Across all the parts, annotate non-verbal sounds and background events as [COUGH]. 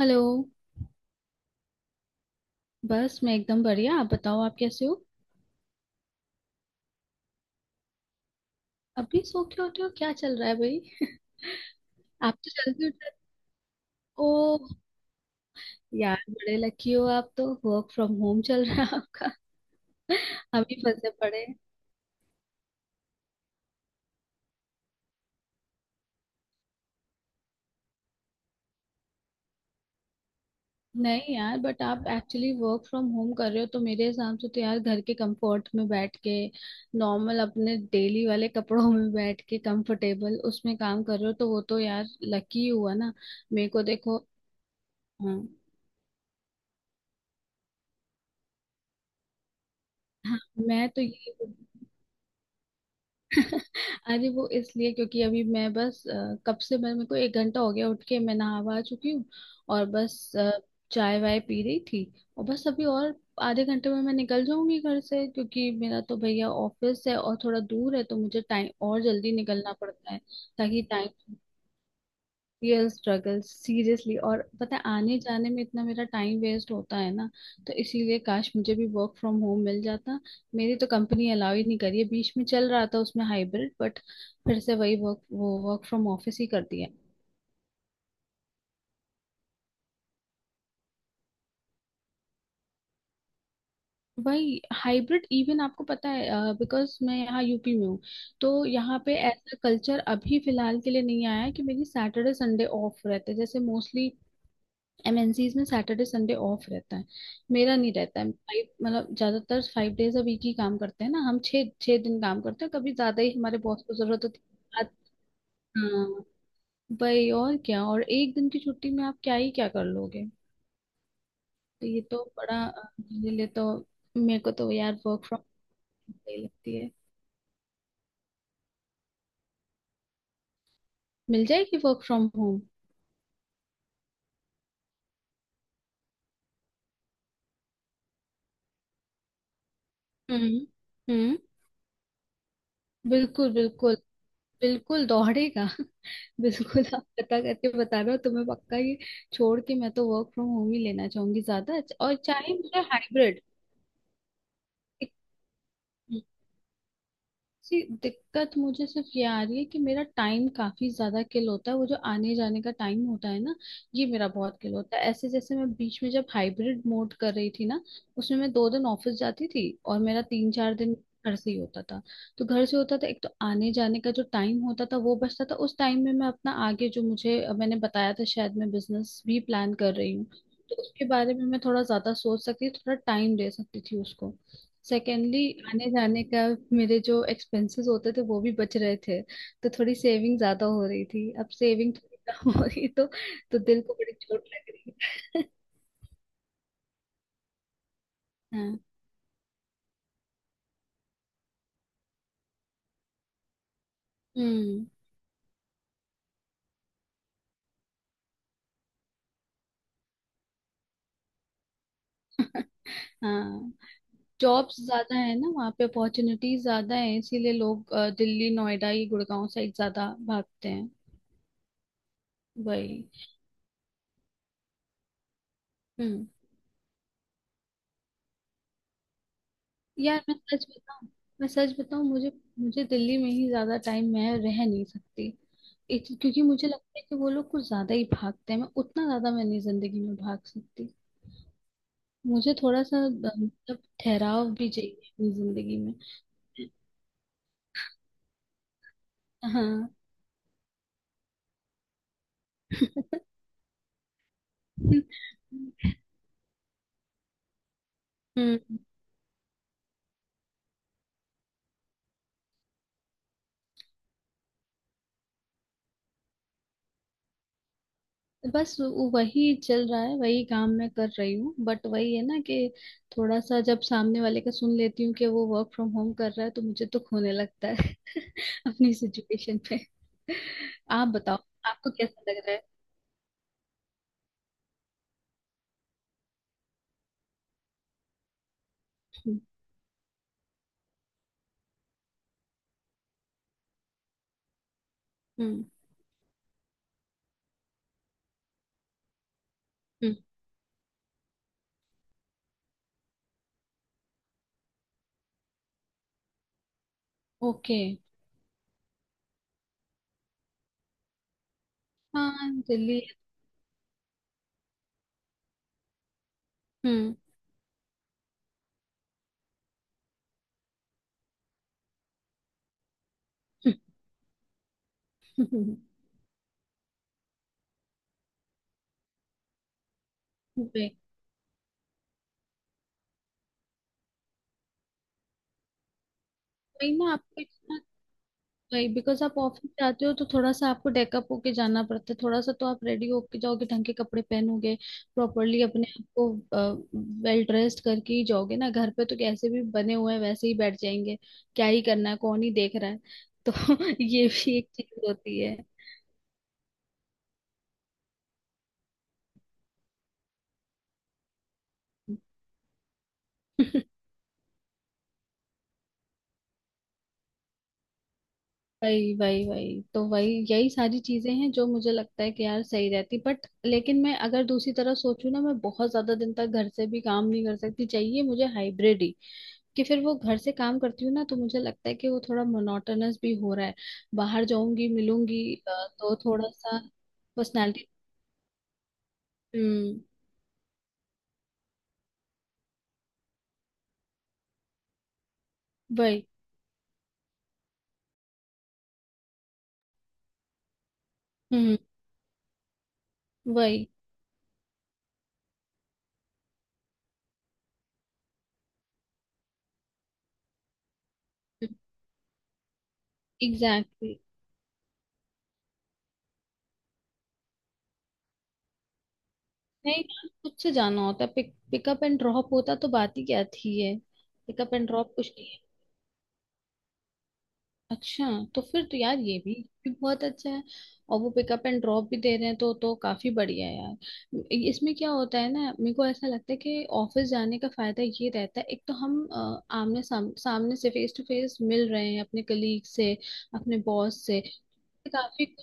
Hello. बस मैं एकदम बढ़िया। आप बताओ, आप कैसे हो? अभी सो के उठे हो? क्या चल रहा है भाई? [LAUGHS] आप तो जल्दी उठे। ओ। यार बड़े लकी हो, आप तो वर्क फ्रॉम होम चल रहा है आपका। [LAUGHS] अभी फंसे पड़े हैं। नहीं यार, बट आप एक्चुअली वर्क फ्रॉम होम कर रहे हो तो मेरे हिसाब से तो यार, घर के कंफर्ट में बैठ के नॉर्मल अपने डेली वाले कपड़ों में बैठ के कंफर्टेबल, उसमें काम कर रहे हो तो वो तो यार लकी हुआ ना। मेरे को देखो। हाँ हाँ। मैं तो ये। अरे वो इसलिए क्योंकि अभी मैं बस कब से मैं, मेरे को 1 घंटा हो गया उठ के, मैं नहावा आ चुकी हूँ और बस चाय वाय पी रही थी। और बस अभी और आधे घंटे में मैं निकल जाऊंगी घर से, क्योंकि मेरा तो भैया ऑफिस है और थोड़ा दूर है तो मुझे टाइम और जल्दी निकलना पड़ता है, ताकि टाइम। Real struggle seriously. और पता है, आने जाने में इतना मेरा टाइम वेस्ट होता है ना, तो इसीलिए काश मुझे भी वर्क फ्रॉम होम मिल जाता। मेरी तो कंपनी अलाउ ही नहीं करी है। बीच में चल रहा था उसमें हाइब्रिड, बट फिर से वही वर्क, वो वर्क फ्रॉम ऑफिस ही कर दिया। वही हाइब्रिड इवन। आपको पता है बिकॉज मैं यहाँ यूपी में हूँ, तो यहाँ पे ऐसा कल्चर अभी फिलहाल के लिए नहीं आया है कि मेरी सैटरडे संडे ऑफ रहते हैं। जैसे मोस्टली एमएनसीज में सैटरडे संडे ऑफ रहता है, मेरा नहीं रहता है। फाइव, मतलब ज्यादातर फाइव डेज अ वीक ही काम करते हैं ना, हम छः छः दिन काम करते हैं, कभी ज्यादा ही, हमारे बॉस को जरूरत होती है। हाँ भाई और क्या, और एक दिन की छुट्टी में आप क्या ही क्या कर लोगे। तो ये तो बड़ा मेरे लिए तो, मेरे को तो यार वर्क फ्रॉम होम सही लगती है। मिल जाएगी वर्क फ्रॉम होम। हम्म। हम्म। बिल्कुल बिल्कुल। बिल्कुल दौड़ेगा। [LAUGHS] बिल्कुल आप पता करके बता रहे हो? तुम्हें पक्का ये छोड़ के मैं तो वर्क फ्रॉम होम ही लेना चाहूंगी ज्यादा, और चाहे मुझे हाइब्रिड। जी, दिक्कत मुझे सिर्फ ये आ रही है कि मेरा टाइम काफी ज्यादा किल होता है, वो जो आने जाने का टाइम होता है ना, ये मेरा बहुत किल होता है। ऐसे जैसे मैं बीच में जब हाइब्रिड मोड कर रही थी ना, उसमें मैं 2 दिन ऑफिस जाती थी और मेरा 3-4 दिन घर से ही होता था। तो घर से होता था, एक तो आने जाने का जो टाइम होता था वो बचता था, उस टाइम में मैं अपना आगे, जो मुझे मैंने बताया था, शायद मैं बिजनेस भी प्लान कर रही हूँ, तो उसके बारे में मैं थोड़ा ज्यादा सोच सकती थी, थोड़ा टाइम दे सकती थी उसको। सेकेंडली, आने जाने का मेरे जो एक्सपेंसेस होते थे वो भी बच रहे थे, तो थोड़ी सेविंग ज्यादा हो रही थी। अब सेविंग थोड़ी कम हो रही, तो दिल को बड़ी चोट लग रही है। [LAUGHS] हाँ। हम्म। हाँ। जॉब्स ज्यादा है ना वहाँ पे, अपॉर्चुनिटीज ज्यादा है, इसीलिए लोग दिल्ली नोएडा ये गुड़गांव साइड ज्यादा भागते हैं। वही। हम्म। यार मैं सच बताऊं, मैं सच बताऊं, मुझे, मुझे दिल्ली में ही ज्यादा टाइम मैं रह नहीं सकती। एक, क्योंकि मुझे लगता है कि वो लोग कुछ ज्यादा ही भागते हैं, मैं उतना ज्यादा मैं नहीं जिंदगी में भाग सकती। मुझे थोड़ा सा मतलब ठहराव भी चाहिए अपनी जिंदगी में। हाँ। [LAUGHS] हम्म। बस वही चल रहा है, वही काम मैं कर रही हूँ, बट वही है ना कि थोड़ा सा जब सामने वाले का सुन लेती हूँ कि वो वर्क फ्रॉम होम कर रहा है तो मुझे तो खोने लगता है [LAUGHS] अपनी सिचुएशन पे। आप बताओ, आपको कैसा लग रहा है? हम्म। हम्म। हम्म, ओके। हाँ दिल्ली। हम्म। [LAUGHS] वही। वही ना, आपको इतना वही बिकॉज आप ऑफिस जाते हो तो थोड़ा सा आपको डेकअप होके जाना पड़ता है, थोड़ा सा तो आप रेडी होके जाओगे, ढंग के कपड़े पहनोगे, प्रॉपरली अपने आप को वेल ड्रेस्ड करके ही जाओगे ना। घर पे तो कैसे भी बने हुए हैं वैसे ही बैठ जाएंगे, क्या ही करना है, कौन ही देख रहा है, तो [LAUGHS] ये भी एक चीज होती है। [LAUGHS] वही वही वही तो, वही यही सारी चीजें हैं जो मुझे लगता है कि यार सही रहती, बट लेकिन मैं अगर दूसरी तरह सोचूं ना, मैं बहुत ज्यादा दिन तक घर से भी काम नहीं कर सकती, चाहिए मुझे हाइब्रिड ही। कि फिर वो घर से काम करती हूँ ना, तो मुझे लगता है कि वो थोड़ा मोनोटोनस भी हो रहा है, बाहर जाऊंगी, मिलूंगी, तो थोड़ा सा पर्सनालिटी। हम्म। वही। हम्म। वही। Exactly exactly. नहीं, खुद से जाना होता है। पिक पिकअप एंड ड्रॉप होता तो बात ही क्या थी है। पिकअप एंड ड्रॉप कुछ नहीं। अच्छा। तो फिर तो यार ये भी बहुत अच्छा है, और वो पिकअप एंड ड्रॉप भी दे रहे हैं तो काफी बढ़िया है यार। इसमें क्या होता है ना, मेरे को ऐसा लगता है कि ऑफिस जाने का फायदा ये रहता है, एक तो हम आमने सामने से फेस टू फेस मिल रहे हैं अपने कलीग से, अपने बॉस से, काफी।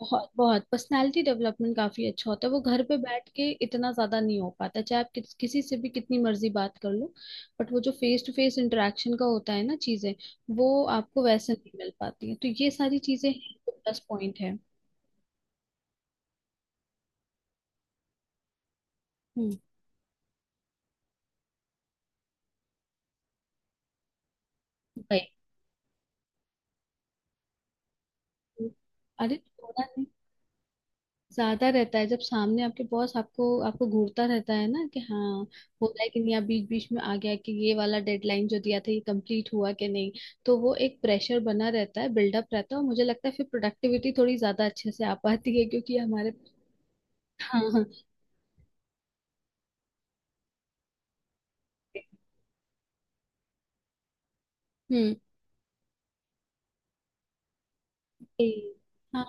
बहुत बहुत पर्सनालिटी डेवलपमेंट काफी अच्छा होता है वो। घर पे बैठ के इतना ज्यादा नहीं हो पाता, चाहे आप किसी से भी कितनी मर्जी बात कर लो, बट वो जो फेस टू फेस इंटरेक्शन का होता है ना चीजें, वो आपको वैसे नहीं मिल पाती है, तो ये सारी चीजें हैं जो प्लस पॉइंट है। हम्म। भाई अरे थोड़ा नहीं, ज्यादा रहता है, जब सामने आपके बॉस आपको आपको घूरता रहता है ना कि हाँ होता है कि नहीं, आप बीच बीच में आ गया कि ये वाला डेडलाइन जो दिया था ये कंप्लीट हुआ कि नहीं, तो वो एक प्रेशर बना रहता है, बिल्डअप रहता है, और मुझे लगता है फिर प्रोडक्टिविटी थोड़ी ज्यादा अच्छे से आ पाती है क्योंकि हमारे हाँ हाँ। हम्म। यही, हाँ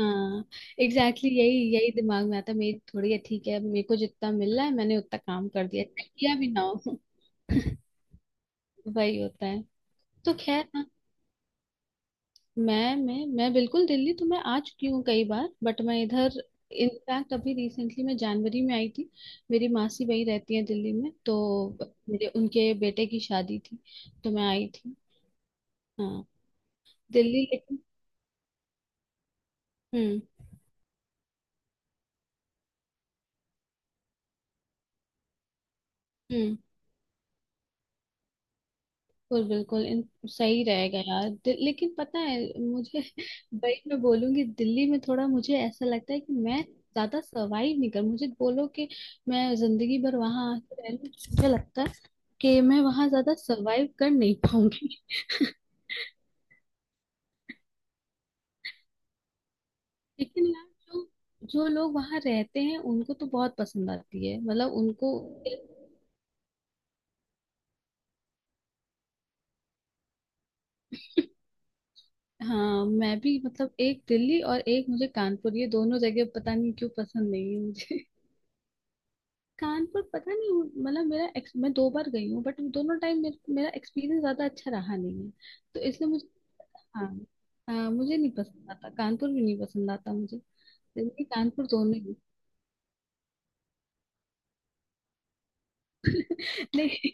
हाँ, एग्जैक्टली exactly, यही यही दिमाग में आता है। मेरी थोड़ी है ठीक है, मेरे को जितना मिल रहा है मैंने उतना काम कर दिया, चाहे किया भी ना हो। [LAUGHS] वही होता है। तो खैर मैं बिल्कुल, दिल्ली तो मैं आ चुकी हूँ कई बार, बट मैं इधर इनफैक्ट अभी रिसेंटली मैं जनवरी में आई थी। मेरी मासी वही रहती है दिल्ली में, तो मेरे उनके बेटे की शादी थी तो मैं आई थी। हाँ। दिल्ली लेकिन। हम्म। हम्म। बिल्कुल बिल्कुल। इन सही रहेगा यार लेकिन पता है मुझे, [LAUGHS] वही मैं बोलूंगी, दिल्ली में थोड़ा मुझे ऐसा लगता है कि मैं ज्यादा सरवाइव नहीं कर, मुझे बोलो कि मैं जिंदगी भर वहां आके रह लूं, मुझे लगता है कि मैं वहां ज्यादा सरवाइव कर नहीं पाऊंगी। [LAUGHS] लेकिन यार जो, जो लोग वहां रहते हैं उनको तो बहुत पसंद आती है, मतलब उनको। हाँ मैं भी, मतलब एक दिल्ली और एक मुझे कानपुर, ये दोनों जगह पता नहीं क्यों पसंद नहीं है मुझे। कानपुर पता नहीं, मतलब मेरा मैं 2 बार गई हूँ, बट दोनों टाइम मेरा एक्सपीरियंस ज्यादा अच्छा रहा नहीं है, तो इसलिए मुझे, हाँ हाँ, मुझे नहीं पसंद आता, कानपुर भी नहीं पसंद आता मुझे, दिल्ली कानपुर दोनों ही। लेकिन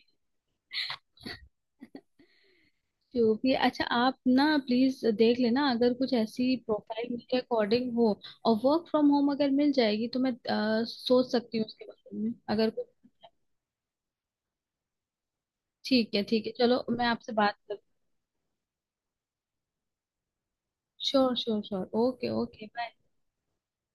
जो भी है, अच्छा आप ना प्लीज देख लेना अगर कुछ ऐसी प्रोफाइल के अकॉर्डिंग हो, और वर्क फ्रॉम होम अगर मिल जाएगी तो मैं सोच सकती हूँ उसके बारे में, अगर कुछ। ठीक है ठीक है। चलो मैं आपसे बात कर। Sure sure sure, okay okay bye.